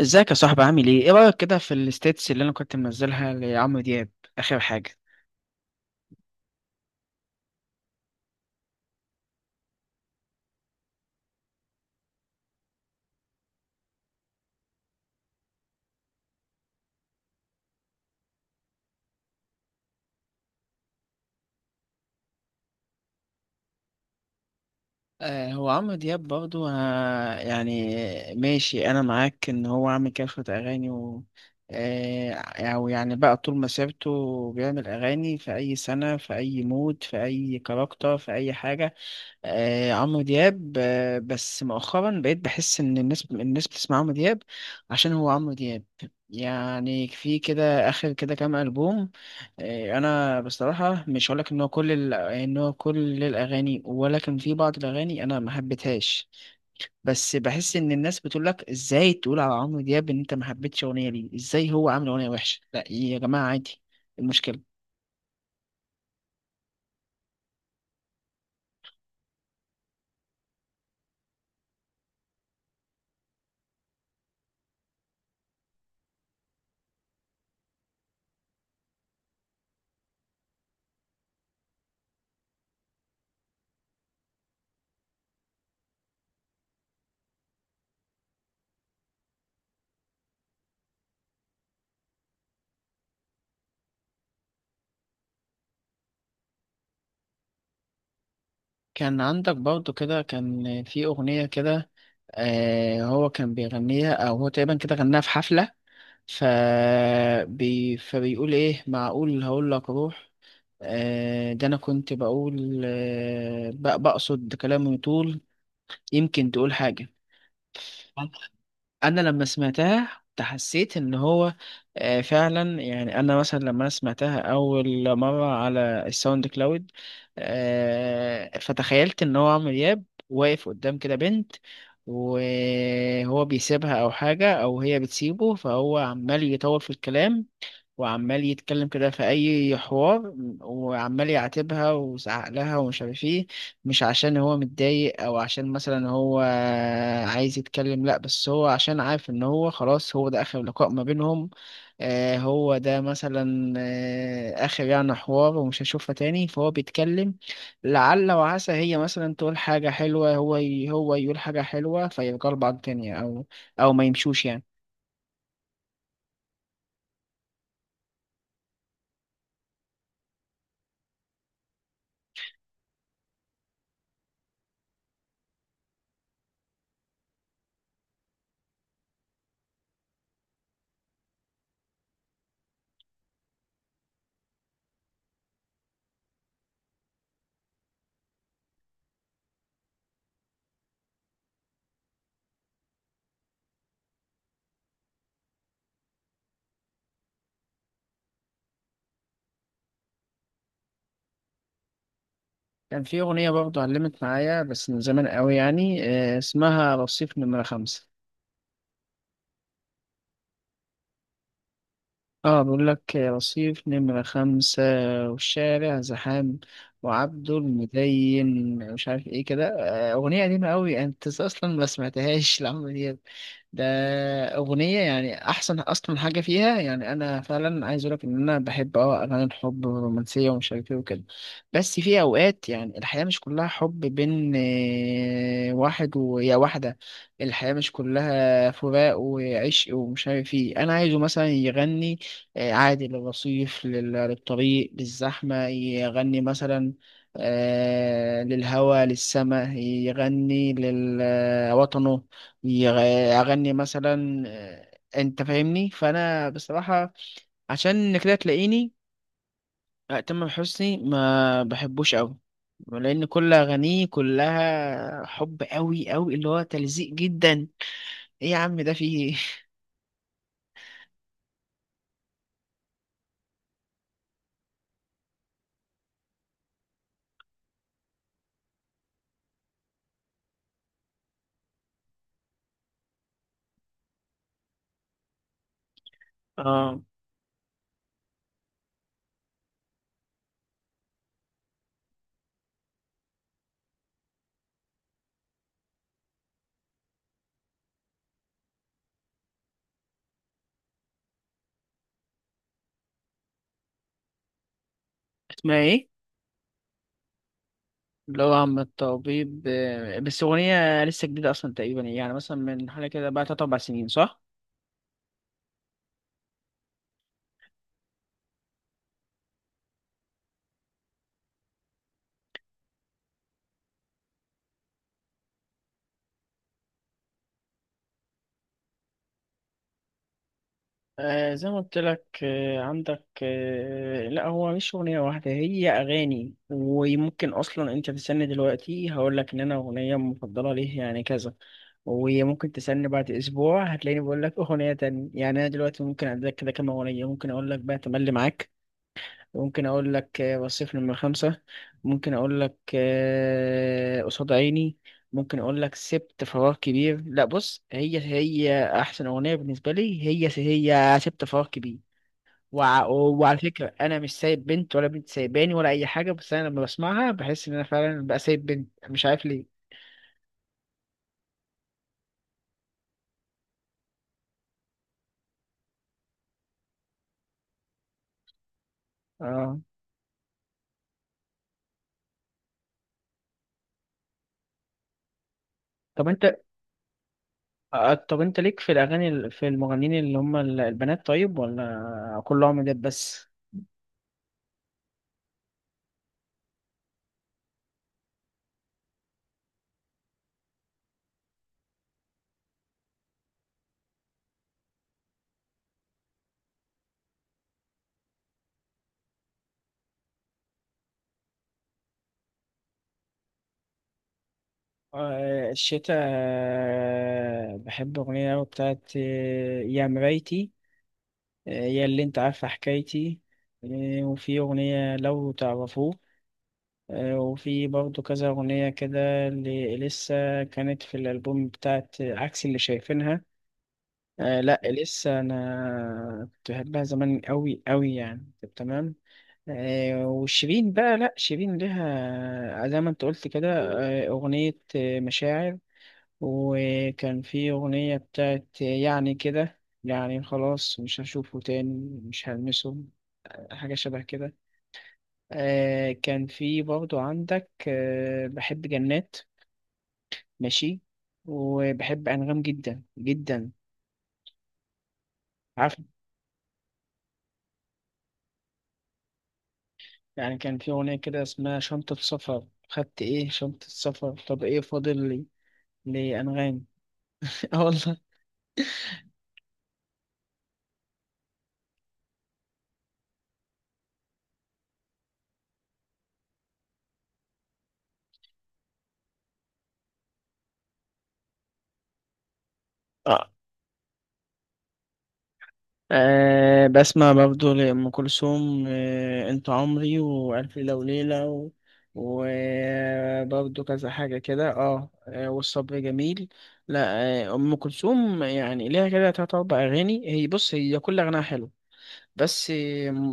ازيك يا صاحبي، عامل ايه؟ ايه رأيك كده في الستيتس اللي انا كنت منزلها لعمرو دياب؟ اخر حاجة؟ هو عمرو دياب برضو، يعني ماشي انا معاك ان هو عامل كافة اغاني، و آه او يعني بقى طول مسيرته بيعمل اغاني في اي سنة، في اي مود، في اي كاركتر، في اي حاجة. عمرو دياب، بس مؤخرا بقيت بحس ان الناس بتسمع عمرو دياب عشان هو عمرو دياب. يعني في كده اخر كده كام البوم، انا بصراحه مش هقولك ان هو كل ان هو كل الاغاني، ولكن في بعض الاغاني انا ما حبيتهاش. بس بحس ان الناس بتقول لك ازاي تقول على عمرو دياب ان انت ما حبيتش اغنيه؟ ليه؟ ازاي هو عامل اغنيه وحشه؟ لا يا جماعه، عادي، إيه المشكله؟ كان عندك برضو كده، كان في أغنية كده، هو كان بيغنيها، أو هو تقريبا كده غناها في حفلة. ف... فبيقول إيه معقول، هقول لك روح. ده أنا كنت بقول، بقصد كلامي طول، يمكن تقول حاجة. انا لما سمعتها تحسيت ان هو، فعلا يعني انا مثلا لما انا سمعتها اول مره على الساوند كلاود، فتخيلت ان هو عمرو دياب واقف قدام كده بنت، وهو بيسيبها او حاجه، او هي بتسيبه، فهو عمال يطول في الكلام، وعمال يتكلم كده في اي حوار، وعمال يعاتبها ويزعق لها ومش عارف ايه. مش عشان هو متضايق او عشان مثلا هو عايز يتكلم، لا، بس هو عشان عارف ان هو خلاص هو ده اخر لقاء ما بينهم. هو ده مثلا، اخر يعني حوار، ومش هشوفها تاني، فهو بيتكلم لعل وعسى هي مثلا تقول حاجة حلوة، هو هو يقول حاجة حلوة فيرجعوا لبعض تاني، او او ما يمشوش يعني. كان في أغنية برضه علمت معايا بس من زمان قوي يعني، اسمها رصيف نمرة خمسة. اه بيقول لك رصيف نمرة خمسة والشارع زحام، وعبده المدين مش عارف ايه كده. أغنية قديمة أوي يعني أنت أصلا ما سمعتهاش لعمرو دياب ده. أغنية يعني أحسن أصلا حاجة فيها. يعني أنا فعلا عايز أقولك إن أنا بحب أه أغاني الحب والرومانسية ومش عارف إيه وكده، بس في أوقات يعني الحياة مش كلها حب بين، واحد ويا واحدة. الحياة مش كلها فراق وعشق ومش عارف إيه. أنا عايزه مثلا يغني، عادي للرصيف، للطريق، للزحمة يغني، مثلا للهوا للسماء يغني، لوطنه يغني، مثلا انت فاهمني. فانا بصراحة عشان كده تلاقيني، تامر حسني ما بحبوش قوي، لان كل اغانيه كلها حب قوي قوي اللي هو تلزيق جدا. ايه يا عم ده فيه إيه؟ اه. اسمها ايه؟ اللي هو عم الطبيب. بس أغنية لسه جديدة أصلا تقريبا، يعني مثلا من حوالي كده بقى تلات أربع سنين، صح؟ زي ما قلت لك، عندك، لا هو مش أغنية واحدة، هي أغاني. وممكن أصلا أنت تستني دلوقتي هقول لك إن أنا أغنية مفضلة ليه يعني كذا، وممكن تستني بعد أسبوع هتلاقيني بقول لك أغنية تانية. يعني أنا دلوقتي ممكن أديلك كده كام أغنية، ممكن أقول لك بقى تملي معاك. ممكن اقول لك وصفني من خمسة، ممكن اقول لك قصاد عيني، ممكن اقول لك سبت فراغ كبير. لا، بص، هي احسن اغنية بالنسبة لي، هي سبت فراغ كبير. وعلى فكرة انا مش سايب بنت ولا بنت سايباني ولا اي حاجة، بس انا لما بسمعها بحس ان انا فعلا بقى سايب بنت، مش عارف ليه. اه. طب انت، طب انت ليك في الاغاني في المغنيين اللي هم البنات، طيب، ولا كلهم ده بس؟ الشتاء، بحب أغنية أوي بتاعت، يا مرايتي، يا اللي أنت عارفة حكايتي، وفي أغنية لو تعرفوه، وفي برضه كذا أغنية كده اللي لسه كانت في الألبوم بتاعت، عكس اللي شايفينها. لأ لسه أنا كنت بحبها زمان أوي أوي يعني، طب تمام. وشيرين بقى، لأ شيرين ليها، زي ما أنت قلت كده، أغنية، مشاعر. وكان في أغنية بتاعت يعني كده، يعني خلاص مش هشوفه تاني مش هلمسه، حاجة شبه كده. كان في برضو عندك، بحب جنات، ماشي. وبحب أنغام جدا جدا، عارف. يعني كان في أغنية كده اسمها شنطة سفر، خدت إيه شنطة سفر طب إيه فاضل لي، لأنغام. آه والله. أه بسمع برضه لأم كلثوم، أه أنت عمري، وألف ليلة وليلة، وبرضه كذا حاجة كده، اه، والصبر جميل، لا. أه أم كلثوم يعني ليها كده تلات أربع أغاني، هي بص، هي كل أغنية حلو، بس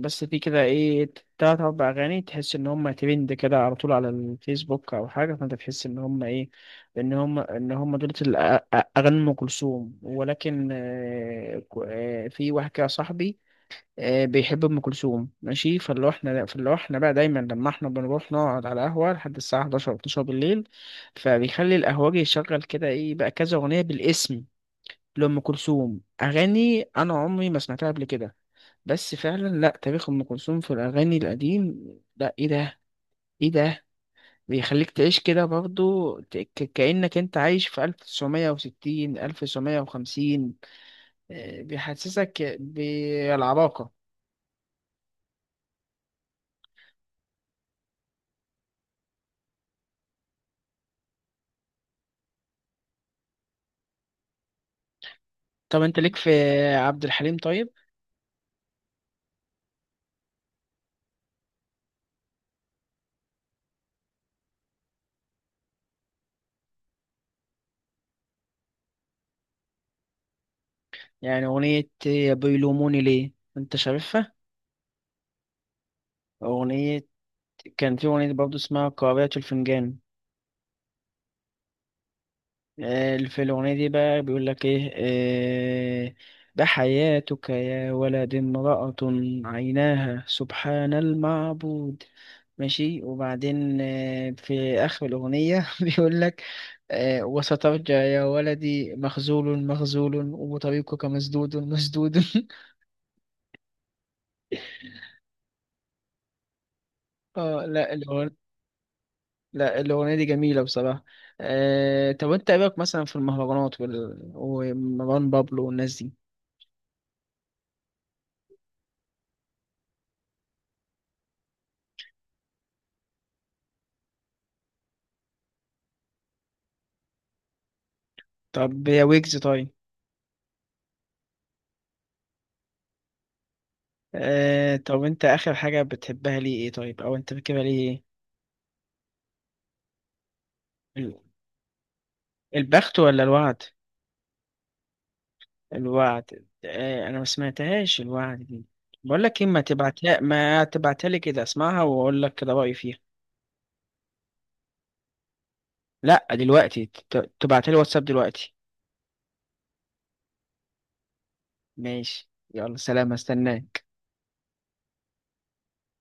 بس في كده ايه، تلات اربع اغاني تحس ان هم ترند كده على طول على الفيسبوك او حاجه، فانت تحس ان هم ايه، ان هم دول اغاني ام كلثوم. ولكن، في واحد كده صاحبي، بيحب ام كلثوم، ماشي. فاللي هو احنا بقى دايما لما احنا بنروح نقعد على قهوه لحد الساعه 11 أو 12 بالليل، فبيخلي القهوجي يشغل كده ايه بقى كذا اغنيه بالاسم لأم كلثوم، أغاني أنا عمري ما سمعتها قبل كده. بس فعلا لا، تاريخ ام كلثوم في الاغاني القديم، لا ايه ده، ايه ده، بيخليك تعيش كده برضو كأنك انت عايش في 1960، 1950، بيحسسك بالعراقة. طب انت ليك في عبد الحليم، طيب؟ يعني اغنية بيلوموني ليه، انت شايفها؟ اغنية. كان في اغنية برضو اسمها قارئة الفنجان. في الأغنية دي بقى بيقول لك إيه، آه، بحياتك يا ولد امرأة عيناها سبحان المعبود، ماشي، وبعدين في آخر الأغنية بيقول لك وسترجع يا ولدي مخذول مخذول، وطريقك مسدود مسدود. اه لا الأغنية، لا الأغنية دي جميلة بصراحة. طب أنت إيه رأيك مثلا في المهرجانات ومروان بابلو والناس دي؟ طب يا ويجز، طيب؟ طب انت اخر حاجة بتحبها ليه ايه، طيب، او انت فاكرها ليه ايه؟ ال- البخت ولا الوعد؟ الوعد، انا ما سمعتهاش الوعد دي. بقول لك ايه، ما تبعتها لي كده، اسمعها واقول لك كده رأيي فيها. لا دلوقتي، تبعتها لي واتساب دلوقتي. ماشي، يلا، سلام، استناك.